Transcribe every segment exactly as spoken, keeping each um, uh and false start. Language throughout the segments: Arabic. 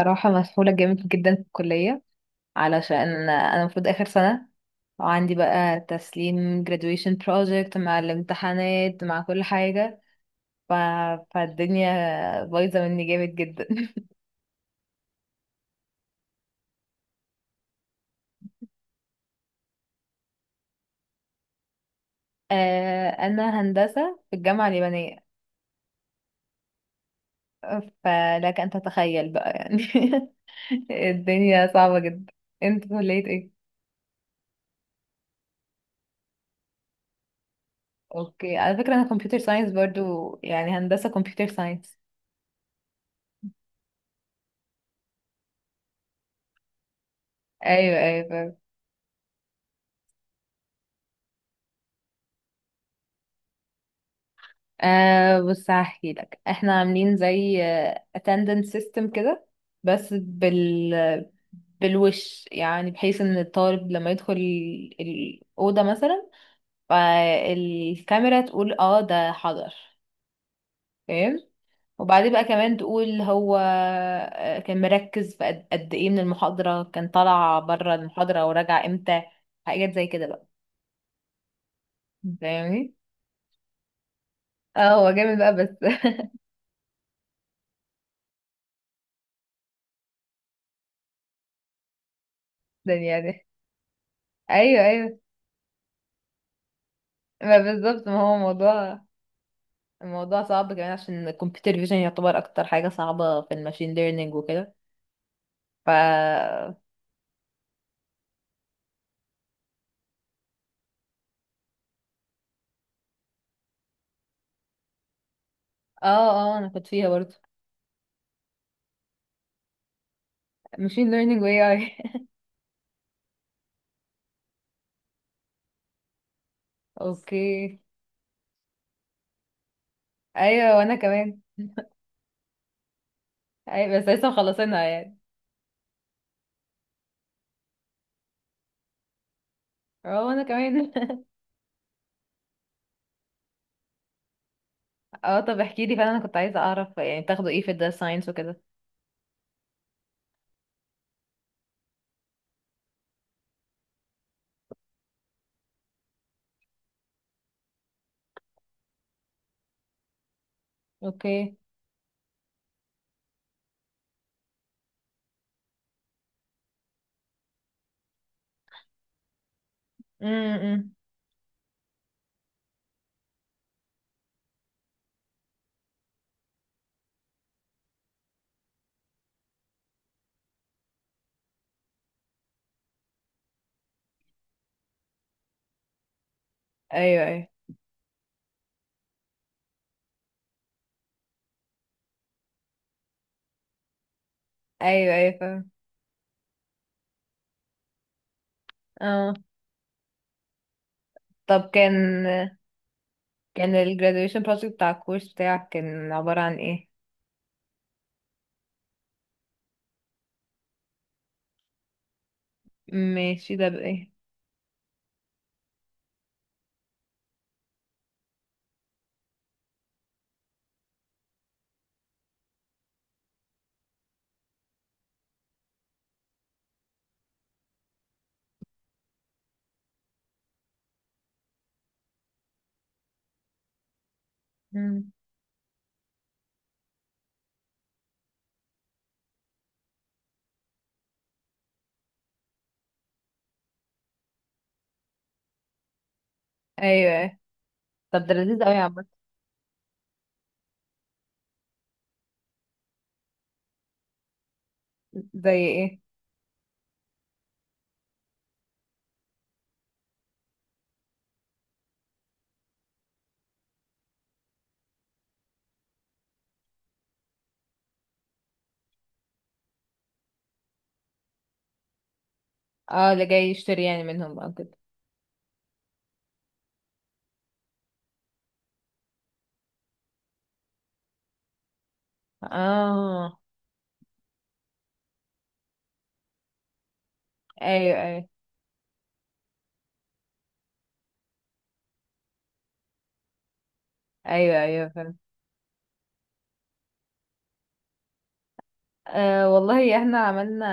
صراحة مسحولة جامد جدا في الكلية، علشان أنا المفروض آخر سنة وعندي بقى تسليم graduation project مع الامتحانات مع كل حاجة. ف... فالدنيا بايظة مني جامد جدا. آه، أنا هندسة في الجامعة اليابانية. فلك أن تتخيل بقى يعني. الدنيا صعبة جدا. انت كلية ايه؟ اوكي، على فكرة أنا كمبيوتر ساينس برضو، يعني هندسة كمبيوتر ساينس. ايوه ايوه. أه بص هحكي لك، احنا عاملين زي آه، attendance system كده، بس بال بالوش يعني بحيث ان الطالب لما يدخل ال- الأوضة مثلا، فالكاميرا تقول اه ده حضر. فاهم. وبعدين بقى كمان تقول هو آه، كان مركز في قد قد ايه من المحاضرة، كان طلع بره المحاضرة وراجع امتى، حاجات زي كده بقى. فاهمني. اه هو جامد بقى بس. يعني يعني ايوه ايوه، ما بالظبط، ما هو موضوع. الموضوع صعب كمان عشان الكمبيوتر فيجن يعتبر اكتر حاجة صعبة في الماشين ليرنينج وكده. ف اه اه انا كنت فيها برضه. ماشين ليرنينج واي اي. اوكي. ايوه وانا كمان. ايوه بس لسه مخلصينها يعني. اه وانا كمان. اه طب احكي لي فعلا، انا كنت عايزة اعرف يعني بتاخدوا ايه في الداتا ساينس وكده. اوكي. امم. ايوه ايوه. ايوه ايوه فاهم. اه. طب كان كان الجراديويشن بروجكت بتاع الكورس بتاعك كان عبارة عن ايه؟ ماشي، ده بايه؟ مم. ايوه طب ده لذيذ قوي عامة. زي ايه؟ اه اللي جاي يشتري يعني منهم او كده. اه. ايوه ايوه. ايوه ايوه فهمت. آه والله احنا عملنا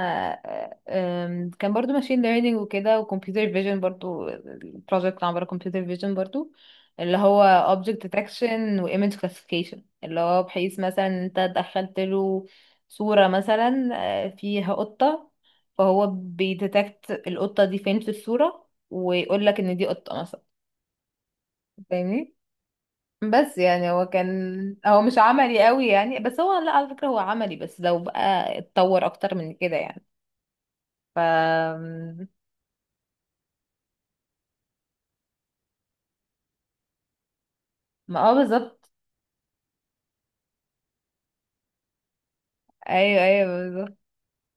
آه، آم، كان برضو ماشين ليرنينج وكده، وكمبيوتر فيجن برضو. البروجكت عبارة كمبيوتر فيجن برضو، اللي هو object detection و image classification، اللي هو بحيث مثلا انت دخلت له صورة مثلا آه، فيها قطة، فهو بيديتكت القطة دي فين في الصورة ويقول لك ان دي قطة مثلا. فاهمني. بس يعني هو كان هو مش عملي قوي يعني، بس هو لا على فكرة هو عملي، بس لو بقى اتطور اكتر من كده يعني. ف ما اه بالظبط. ايوه ايوه بالظبط.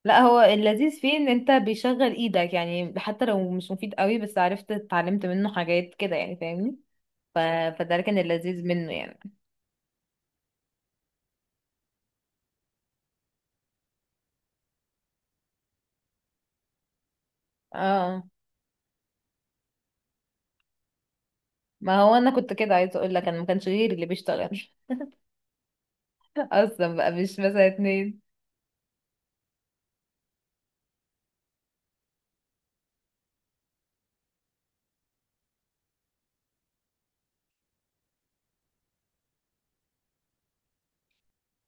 لا هو اللذيذ فيه ان انت بيشغل ايدك، يعني حتى لو مش مفيد قوي بس عرفت اتعلمت منه حاجات كده يعني، فاهمني. ف... فده كان اللذيذ منه يعني. اه. ما هو انا كنت كده عايزه اقول لك، انا ما كانش غيري اللي بيشتغل. اصلا بقى مش مثلا اتنين.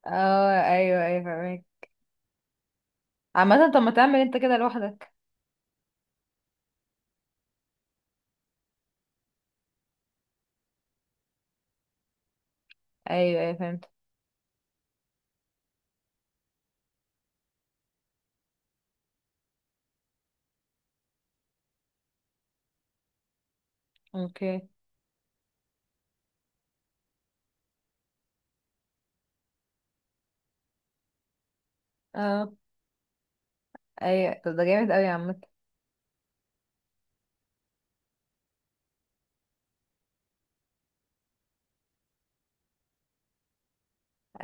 اه ايوه ايوه فاهمك. عامة طب ما تعمل انت كده لوحدك. ايوه ايوه فهمت. اوكي. اه. ايوه طب ده جامد قوي عامة.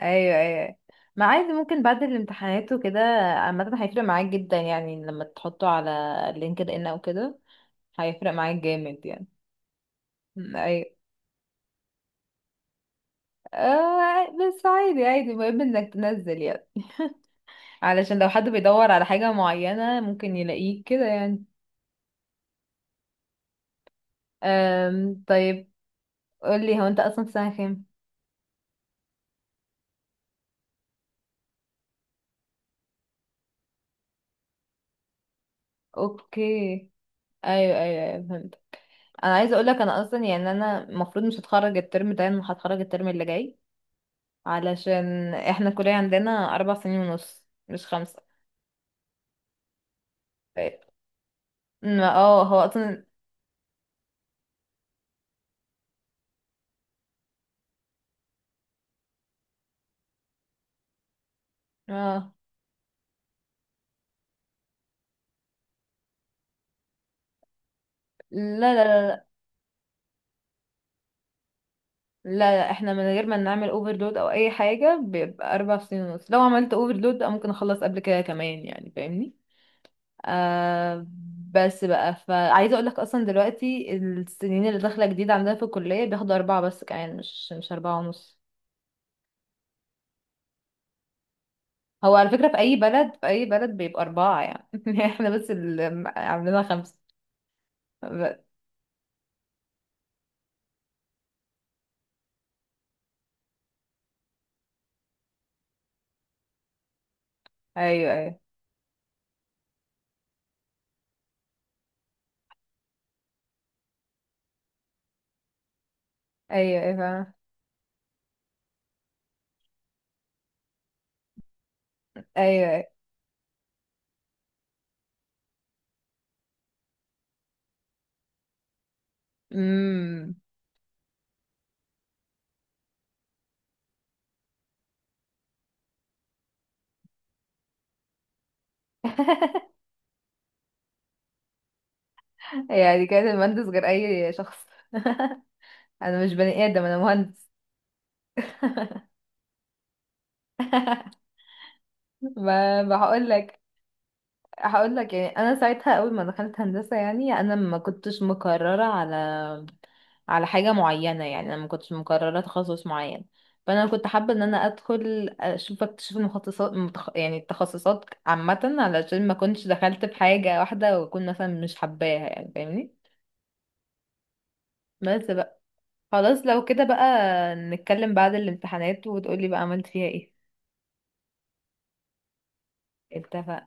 ايوه ايوه. ما عادي، ممكن بعد الامتحانات وكده. عامة هيفرق معاك جدا يعني لما تحطه على لينكد ان او كده، هيفرق معاك جامد يعني. أمم، ايوه. آه بس عادي عادي، المهم انك تنزل يعني، علشان لو حد بيدور على حاجة معينة ممكن يلاقيه كده يعني. أم طيب. قولي، هو انت اصلا في سنة كام؟ اوكي. ايوه ايوه ايوه فهمت. انا عايزه اقول لك انا اصلا يعني انا المفروض مش هتخرج الترم ده، انا هتخرج الترم اللي جاي، علشان احنا الكليه عندنا اربع سنين ونص، مش خمسه. ما- اه هو اصلا اه. لا لا لا لا لا احنا من غير ما نعمل اوفرلود او اي حاجه بيبقى اربع سنين ونص، لو عملت اوفرلود ممكن اخلص قبل كده كمان يعني، فاهمني. آه. بس بقى فعايزه اقول لك اصلا دلوقتي السنين اللي داخله جديد عندنا في الكليه بياخدوا اربعه بس كمان، مش مش اربعه ونص. هو على فكرة في أي بلد، في أي بلد بيبقى أربعة يعني. احنا بس اللي عاملينها خمسة. ب- أيوه أيوه. أيوه أيوه فاهمة. أيوه أيوه. أمم. يعني كانت المهندس غير أي شخص. أنا مش بني آدم أنا مهندس. ما بقول لك. هقول لك يعني انا ساعتها اول ما دخلت هندسه، يعني انا ما كنتش مقرره على على حاجه معينه، يعني انا ما كنتش مقرره تخصص معين، فانا كنت حابه ان انا ادخل اشوف اكتشف المتخصصات متخ... يعني التخصصات عامه، علشان ما كنتش دخلت في حاجه واحده واكون مثلا مش حباها يعني، فاهمني. بس بقى، خلاص لو كده بقى نتكلم بعد الامتحانات وتقولي بقى عملت فيها ايه. اتفق.